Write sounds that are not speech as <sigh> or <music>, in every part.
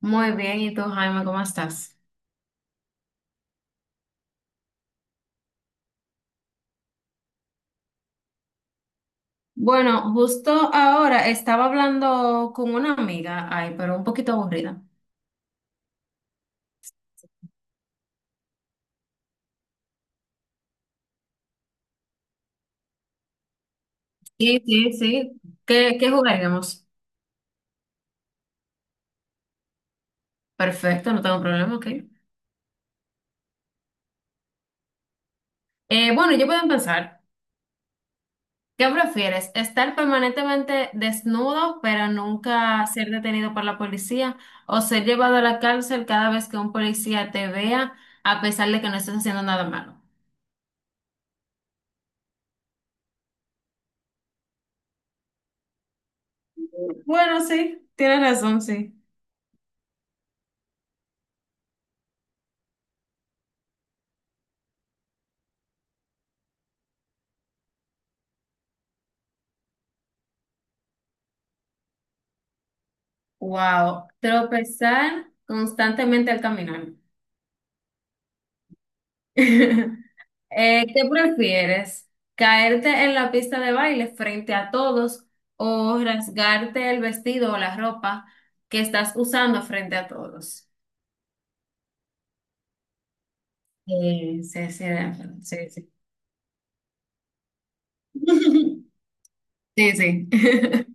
Muy bien, ¿y tú, Jaime, cómo estás? Bueno, justo ahora estaba hablando con una amiga, ay, pero un poquito aburrida. Sí, sí, sí. ¿Qué jugaríamos? Perfecto, no tengo problema, ok. Bueno, yo puedo empezar. ¿Qué prefieres? ¿Estar permanentemente desnudo, pero nunca ser detenido por la policía? ¿O ser llevado a la cárcel cada vez que un policía te vea, a pesar de que no estés haciendo nada malo? Bueno, sí, tienes razón, sí. Wow, tropezar constantemente al caminar. <laughs> ¿Qué prefieres? ¿Caerte en la pista de baile frente a todos o rasgarte el vestido o la ropa que estás usando frente a todos? Sí, sí, de acuerdo, sí, sí. <laughs> Sí, sí. <laughs>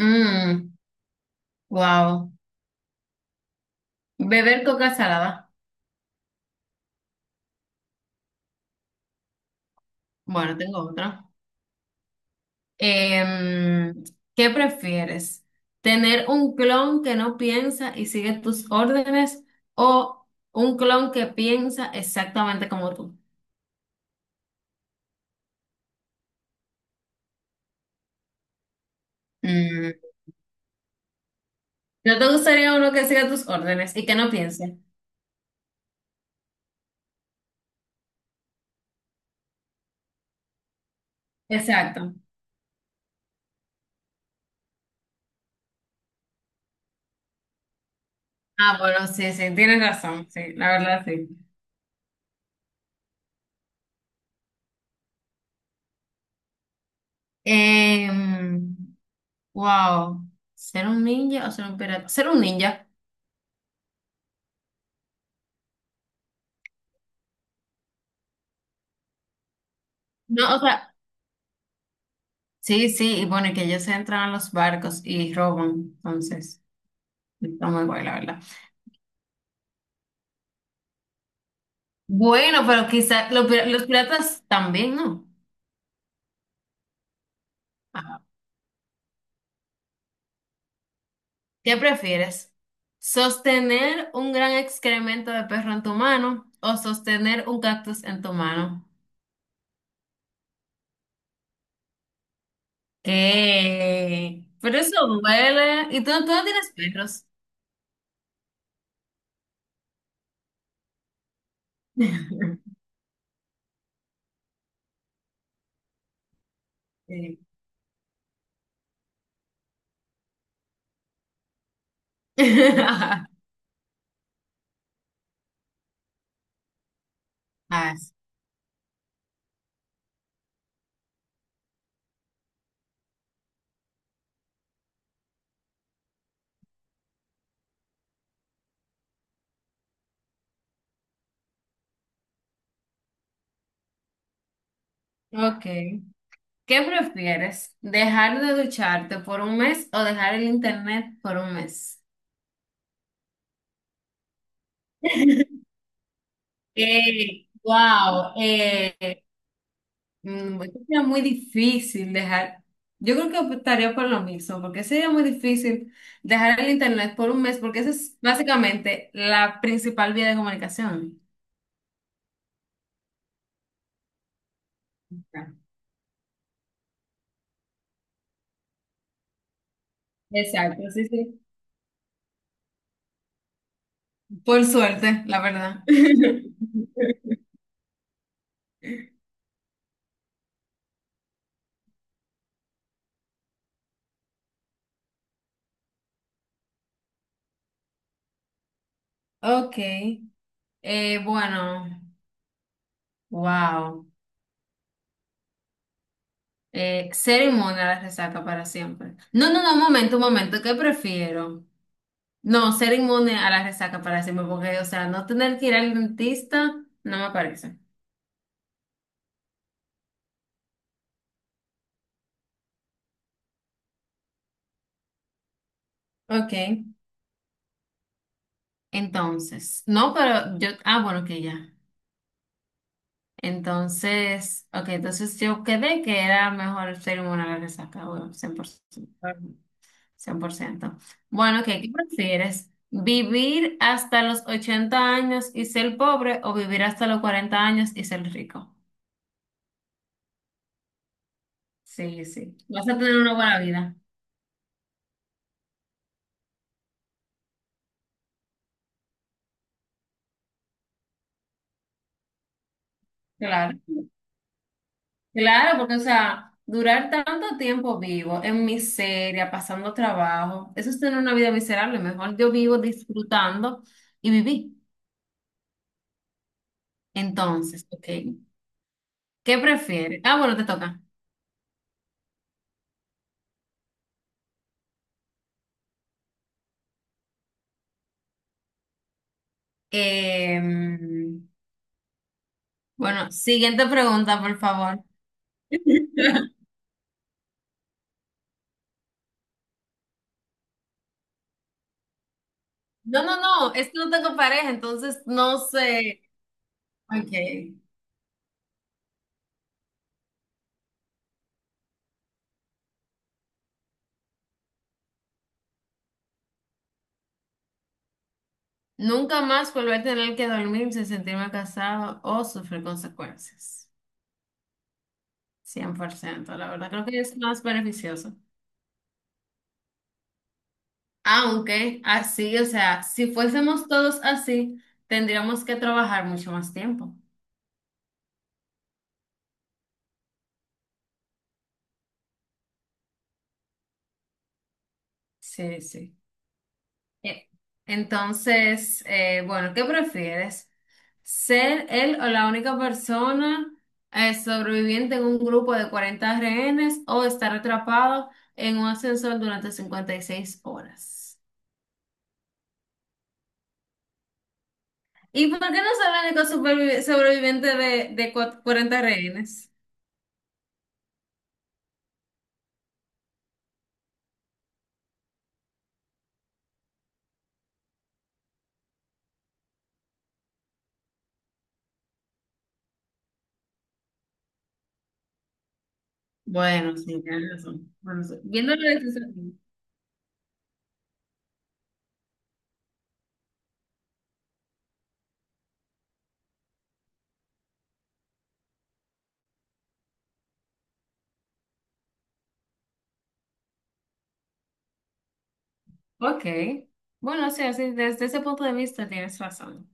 Mm, wow. Beber coca salada. Bueno, tengo otra. Em, ¿Qué prefieres? ¿Tener un clon que no piensa y sigue tus órdenes o un clon que piensa exactamente como tú? Mm, ¿No te gustaría uno que siga tus órdenes y que no piense? Exacto. Ah, bueno, sí, sí, tienes razón, sí, la verdad sí. Em, wow, ¿ser un ninja o ser un pirata? Ser un ninja. No, o sea, sí, sí, y bueno, y que ellos entran a los barcos y roban, entonces, está muy guay, la verdad. Bueno, pero quizás los piratas también, ¿no? Ah, ¿qué prefieres? ¿Sostener un gran excremento de perro en tu mano o sostener un cactus en tu mano? ¿Qué? Pero eso duele. ¿Y tú no tienes perros? <laughs> Sí. <laughs> Ah, sí. Ok. ¿Qué prefieres? ¿Dejar de ducharte por un mes o dejar el internet por un mes? <laughs> Wow. Es que sería muy difícil dejar. Yo creo que optaría por lo mismo, porque sería muy difícil dejar el internet por un mes, porque esa es básicamente la principal vía de comunicación. Exacto, sí, sí. Por suerte, la verdad. <laughs> Ok, bueno, wow. Ser inmune a la resaca para siempre. No, no, no, un momento, ¿qué prefiero? No, ser inmune a la resaca para siempre, porque, o sea, no tener que ir al dentista no me parece. Ok. Entonces, no, pero yo, ah, bueno, que ya. Entonces, ok, entonces yo quedé que era mejor ser inmune a la resaca, bueno, 100% 100%. Bueno, ok, ¿qué prefieres? ¿Vivir hasta los 80 años y ser pobre o vivir hasta los 40 años y ser rico? Sí, sí. Vas a tener una buena vida. Claro. Claro, porque, o sea, durar tanto tiempo vivo, en miseria, pasando trabajo, eso es tener una vida miserable. Mejor yo vivo disfrutando y viví. Entonces, ok. ¿Qué prefieres? Ah, bueno, te toca. Em, bueno, siguiente pregunta, por favor. <laughs> No, no, no, es que no tengo pareja, entonces no sé. Ok. Nunca más volver a tener que dormir sin sentirme casado o sufrir consecuencias. 100% la verdad, creo que es más beneficioso. Aunque así, o sea, si fuésemos todos así, tendríamos que trabajar mucho más tiempo. Sí, sí. Eh, Entonces, bueno, ¿qué prefieres? ¿Ser él o la única persona sobreviviente en un grupo de 40 rehenes o estar atrapado en un ascensor durante 56 horas? ¿Y por qué no ser el único sobreviviente de 40 rehenes? Bueno, sí, tienes razón. Bueno, sí, viéndolo desde ese punto. Ok. Bueno, sí, así, desde ese punto de vista tienes razón.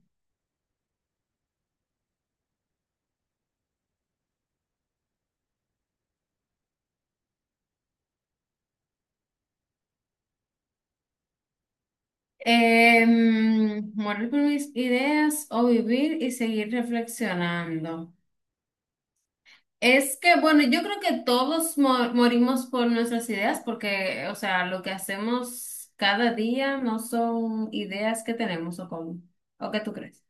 Morir por mis ideas o vivir y seguir reflexionando. Es que, bueno, yo creo que todos morimos por nuestras ideas porque, o sea, lo que hacemos cada día no son ideas que tenemos o cómo, o qué tú crees.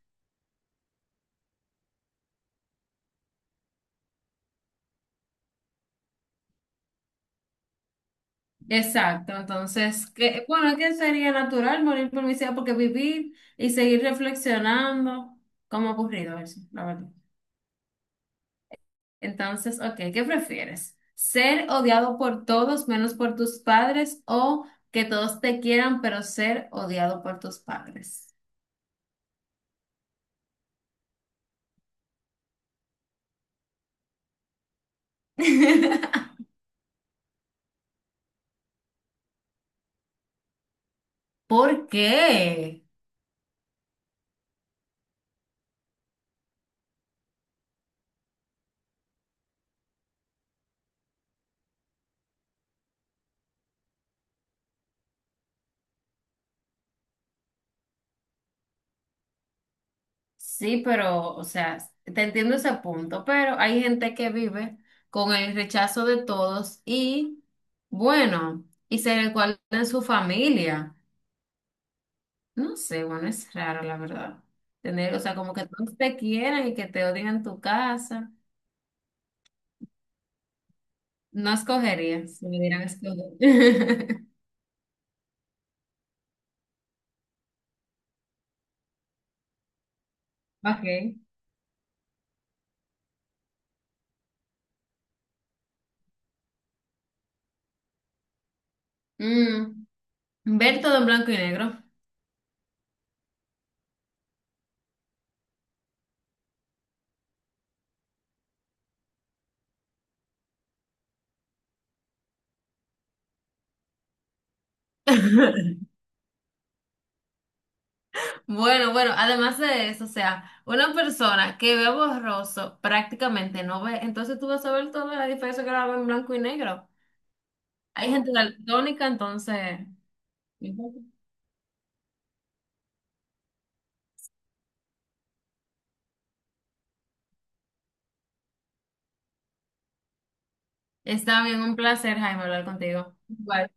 Exacto, entonces, que, bueno, que sería natural morir por mi ciudad, porque vivir y seguir reflexionando, como ha ocurrido eso, la verdad. Entonces, ok, ¿qué prefieres? ¿Ser odiado por todos menos por tus padres o que todos te quieran, pero ser odiado por tus padres? <laughs> ¿Por qué? Sí, pero, o sea, te entiendo ese punto, pero hay gente que vive con el rechazo de todos y, bueno, y se recuerda en su familia. No sé, bueno, es raro, la verdad. Tener, o sea, como que todos te quieran y que te odien en tu casa. No escogería, si me dieran a escoger. <laughs> Ok. Mm, Ver todo en blanco y negro. <laughs> Bueno, bueno, además de eso, o sea, una persona que ve borroso prácticamente no ve, entonces tú vas a ver toda la diferencia que la ve en blanco y negro. Hay gente daltónica, entonces está bien, un placer, Jaime, hablar contigo. Igual.